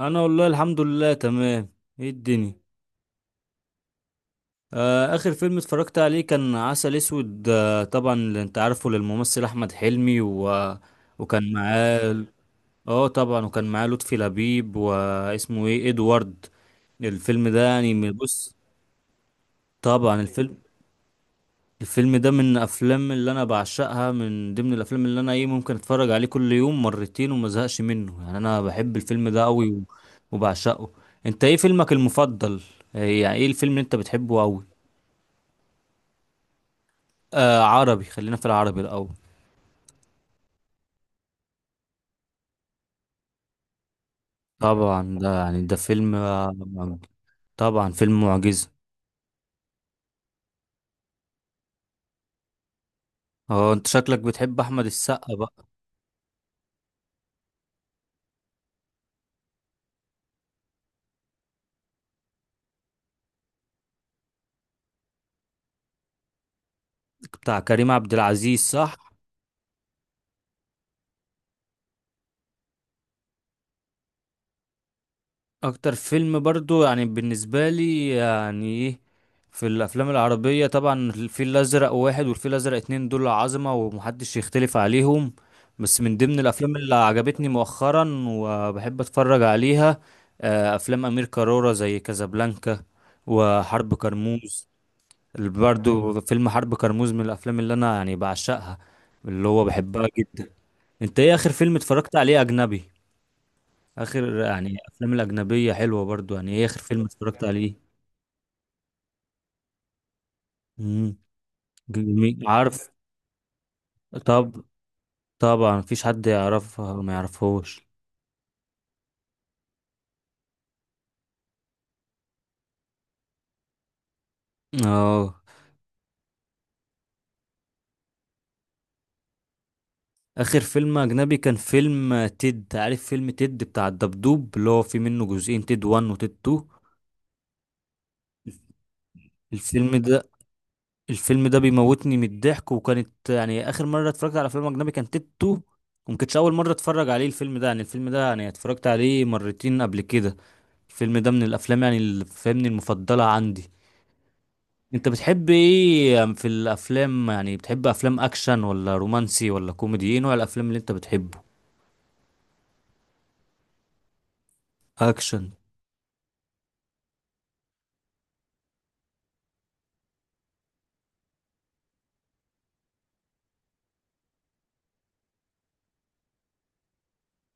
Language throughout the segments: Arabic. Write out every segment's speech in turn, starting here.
انا والله الحمد لله تمام. ايه الدنيا؟ آه، اخر فيلم اتفرجت عليه كان عسل اسود. آه طبعا اللي انت عارفه للممثل احمد حلمي وكان معاه اه، طبعا وكان معاه لطفي لبيب واسمه ايه ادوارد. الفيلم ده يعني بص. طبعا الفيلم الفيلم ده من افلام اللي انا بعشقها، من ضمن الافلام اللي انا ايه ممكن اتفرج عليه كل يوم مرتين وما ازهقش منه، يعني انا بحب الفيلم ده قوي وبعشقه. انت ايه فيلمك المفضل؟ إيه يعني ايه الفيلم اللي انت بتحبه قوي؟ آه، عربي، خلينا في العربي الاول. طبعا ده يعني ده فيلم طبعا فيلم معجزة. اه انت شكلك بتحب احمد السقا بقى. بتاع كريم عبد العزيز صح؟ اكتر فيلم برضو يعني بالنسبه لي يعني ايه، في الافلام العربيه طبعا الفيل الازرق واحد والفيل الازرق اتنين، دول عظمه ومحدش يختلف عليهم. بس من ضمن الافلام اللي عجبتني مؤخرا وبحب اتفرج عليها، افلام امير كرارة زي كازابلانكا وحرب كرموز، اللي برضو فيلم حرب كرموز من الافلام اللي انا يعني بعشقها، اللي هو بحبها جدا. انت ايه اخر فيلم اتفرجت عليه اجنبي؟ اخر يعني افلام الاجنبيه حلوه برضو، يعني ايه اخر فيلم اتفرجت عليه؟ امم، جميل، عارف، طب. طبعا مفيش حد يعرفها ما يعرفهوش. اه، اخر فيلم اجنبي كان فيلم تيد، عارف فيلم تيد بتاع الدبدوب اللي هو في منه جزئين، تيد 1 وتيد 2. الفيلم ده الفيلم ده بيموتني من الضحك، وكانت يعني اخر مره اتفرجت على فيلم اجنبي كان تيد 2، وما كانتش اول مره اتفرج عليه الفيلم ده، يعني الفيلم ده يعني اتفرجت عليه مرتين قبل كده. الفيلم ده من الافلام يعني اللي فاهمني المفضله عندي. انت بتحب ايه في الافلام؟ يعني بتحب افلام اكشن ولا رومانسي ولا كوميدي؟ ايه نوع الافلام اللي انت بتحبه؟ اكشن؟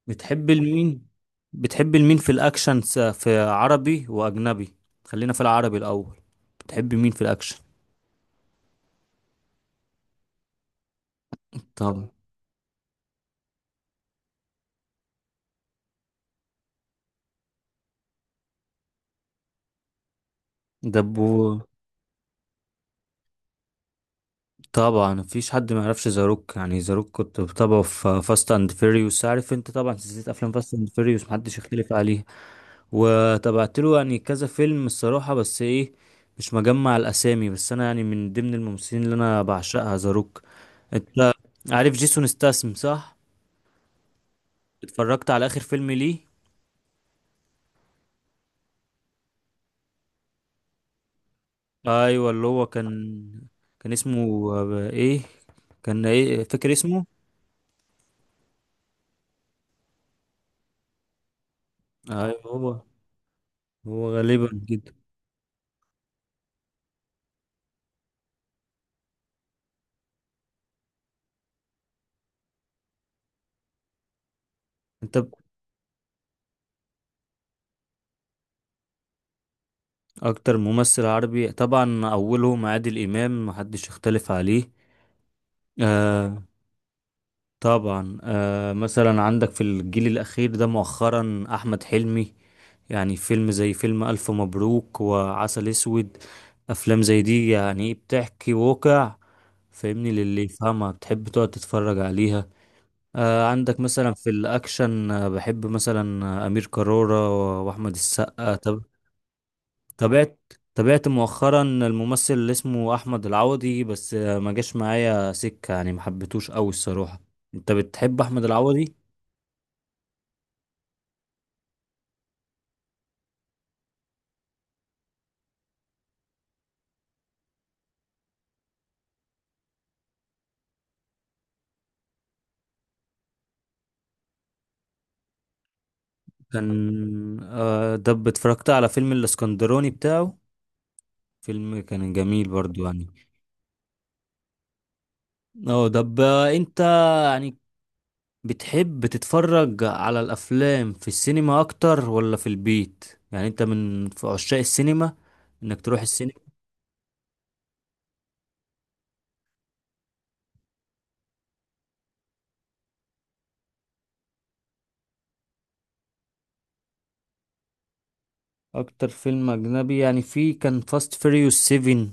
بتحب المين؟ في الاكشن في عربي واجنبي؟ خلينا في العربي الاول. بتحب مين في الاكشن؟ طبعا. دبو. طبعا مفيش حد ما يعرفش زاروك، يعني زاروك كنت بتابعه في فاست اند فيريوس، عارف انت طبعا سلسله افلام فاست اند فيريوس محدش يختلف عليها. وتابعت له يعني كذا فيلم، الصراحة بس ايه، مش مجمع الاسامي، بس انا يعني من ضمن الممثلين اللي انا بعشقها ذا روك. انت عارف جيسون ستاسم صح؟ اتفرجت على اخر فيلم ليه؟ ايوه اللي هو كان، كان اسمه ايه كان ايه فاكر اسمه؟ ايوه هو، هو غالبا جدا. انت ب- اكتر ممثل عربي طبعا اولهم عادل امام، محدش يختلف عليه. آه، طبعا. آه مثلا عندك في الجيل الأخير ده مؤخرا أحمد حلمي، يعني فيلم زي فيلم ألف مبروك وعسل أسود، أفلام زي دي يعني بتحكي واقع، فاهمني للي يفهمها بتحب تقعد تتفرج عليها. آه عندك مثلا في الأكشن، آه بحب مثلا أمير كرارة وأحمد السقا. تابعت تابعت مؤخرا الممثل اللي اسمه احمد العوضي بس ما جاش معايا سكة، يعني ما حبيتوش قوي الصراحة. انت بتحب احمد العوضي؟ كان ده اتفرجت على فيلم الاسكندراني بتاعه، فيلم كان جميل برضو يعني. اه طب انت يعني بتحب تتفرج على الافلام في السينما اكتر ولا في البيت؟ يعني انت من في عشاق السينما انك تروح السينما؟ اكتر فيلم اجنبي يعني في كان فاست فيريوس 7،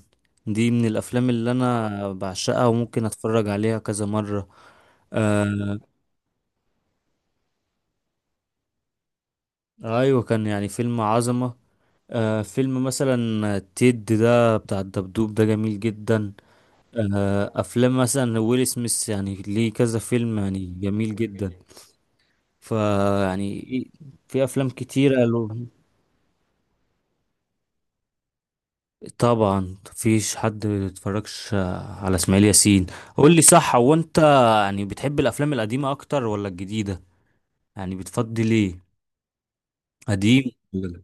دي من الافلام اللي انا بعشقها وممكن اتفرج عليها كذا مرة. آه ايوه كان يعني فيلم عظمة. آه فيلم مثلا تيد ده بتاع الدبدوب ده جميل جدا. آه افلام مثلا ويل سميث يعني ليه كذا فيلم يعني جميل جدا. فيعني في افلام كتيرة له. طبعا مفيش حد ما بيتفرجش على اسماعيل ياسين. قول لي صح، هو انت يعني بتحب الافلام القديمه اكتر ولا الجديده؟ يعني بتفضل ايه؟ قديم ولا لا؟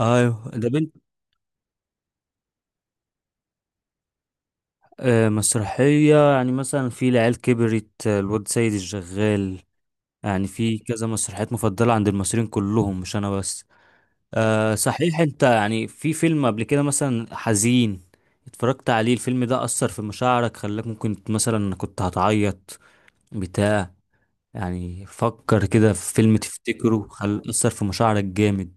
ايوه ده بنت. آه مسرحيه يعني مثلا في العيال كبرت، الواد سيد الشغال، يعني في كذا مسرحيات مفضله عند المصريين كلهم، مش انا بس. آه صحيح انت يعني في فيلم قبل كده مثلا حزين اتفرجت عليه، الفيلم ده اثر في مشاعرك، خلاك ممكن مثلا كنت هتعيط بتاع، يعني فكر كده في فيلم تفتكره خل أثر في مشاعرك جامد.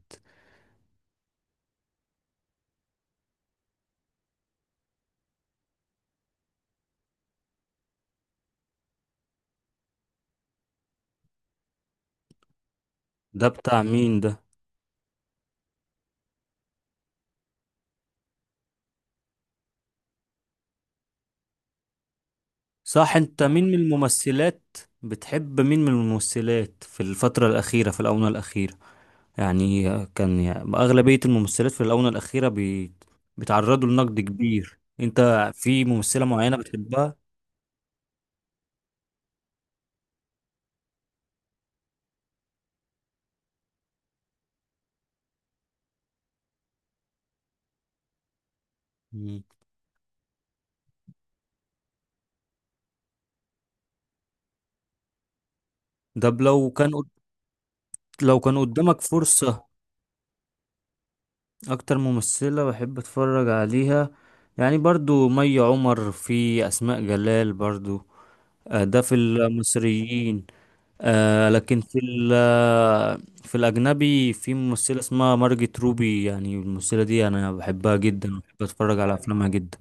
ده بتاع مين ده؟ صح انت مين من الممثلات بتحب مين من الممثلات في الفترة الأخيرة؟ في الآونة الأخيرة يعني كان يعني أغلبية الممثلات في الآونة الأخيرة بيتعرضوا لنقد كبير. انت في ممثلة معينة بتحبها؟ مم. ده ب- لو كان قد- لو كان قدامك فرصة. أكتر ممثلة بحب أتفرج عليها، يعني برضو مي عمر، في أسماء جلال برضو. آه، ده في المصريين. آه، لكن في ال- آه، في الأجنبي في ممثلة اسمها مارجت روبي، يعني الممثلة دي أنا بحبها جدا وبحب أتفرج على أفلامها جدا.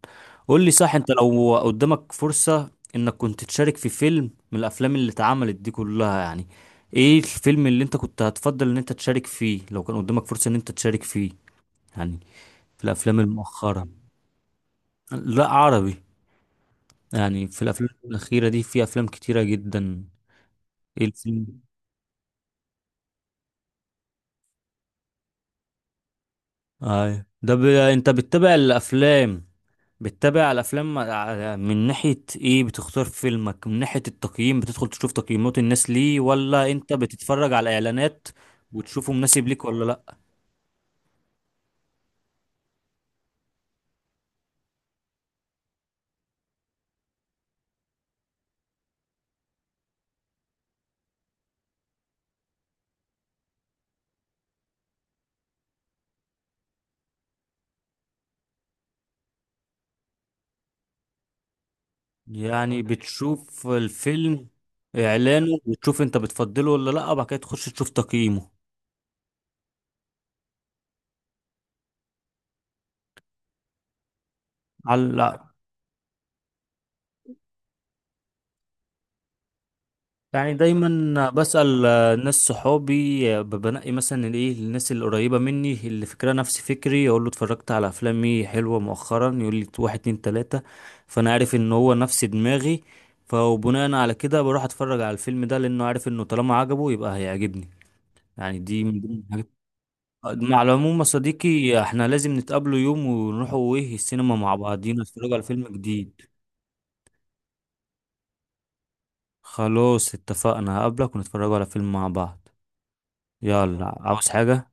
قول لي صح أنت لو قدامك فرصة إنك كنت تشارك في فيلم من الأفلام اللي اتعملت دي كلها، يعني إيه الفيلم اللي أنت كنت هتفضل إن أنت تشارك فيه لو كان قدامك فرصة إن أنت تشارك فيه يعني في الأفلام المؤخرة؟ لا عربي. يعني في الأفلام الأخيرة دي في أفلام كتيرة جدا. إيه الفيلم؟ انت بتتابع الافلام من ناحية ايه بتختار فيلمك؟ من ناحية التقييم بتدخل تشوف تقييمات الناس ليه ولا انت بتتفرج على اعلانات وتشوفه مناسب ليك ولا لا؟ يعني بتشوف الفيلم اعلانه وتشوف انت بتفضله ولا لا وبعد كده تخش تشوف تقييمه على؟ يعني دايما بسأل ناس صحابي، بنقي مثلا الايه الناس القريبة مني اللي فكرها نفس فكري، اقول له اتفرجت على افلام ايه حلوة مؤخرا، يقول لي واحد اتنين تلاتة، فانا عارف ان هو نفس دماغي، فبناء على كده بروح اتفرج على الفيلم ده لانه عارف انه طالما عجبه يبقى هيعجبني. يعني دي من ضمن الحاجات. مع العموم يا صديقي احنا لازم نتقابله يوم ونروحوا ايه السينما مع بعضينا نتفرجوا على فيلم جديد. خلاص اتفقنا، هقابلك ونتفرجوا على فيلم مع بعض. يلا، عاوز حاجة؟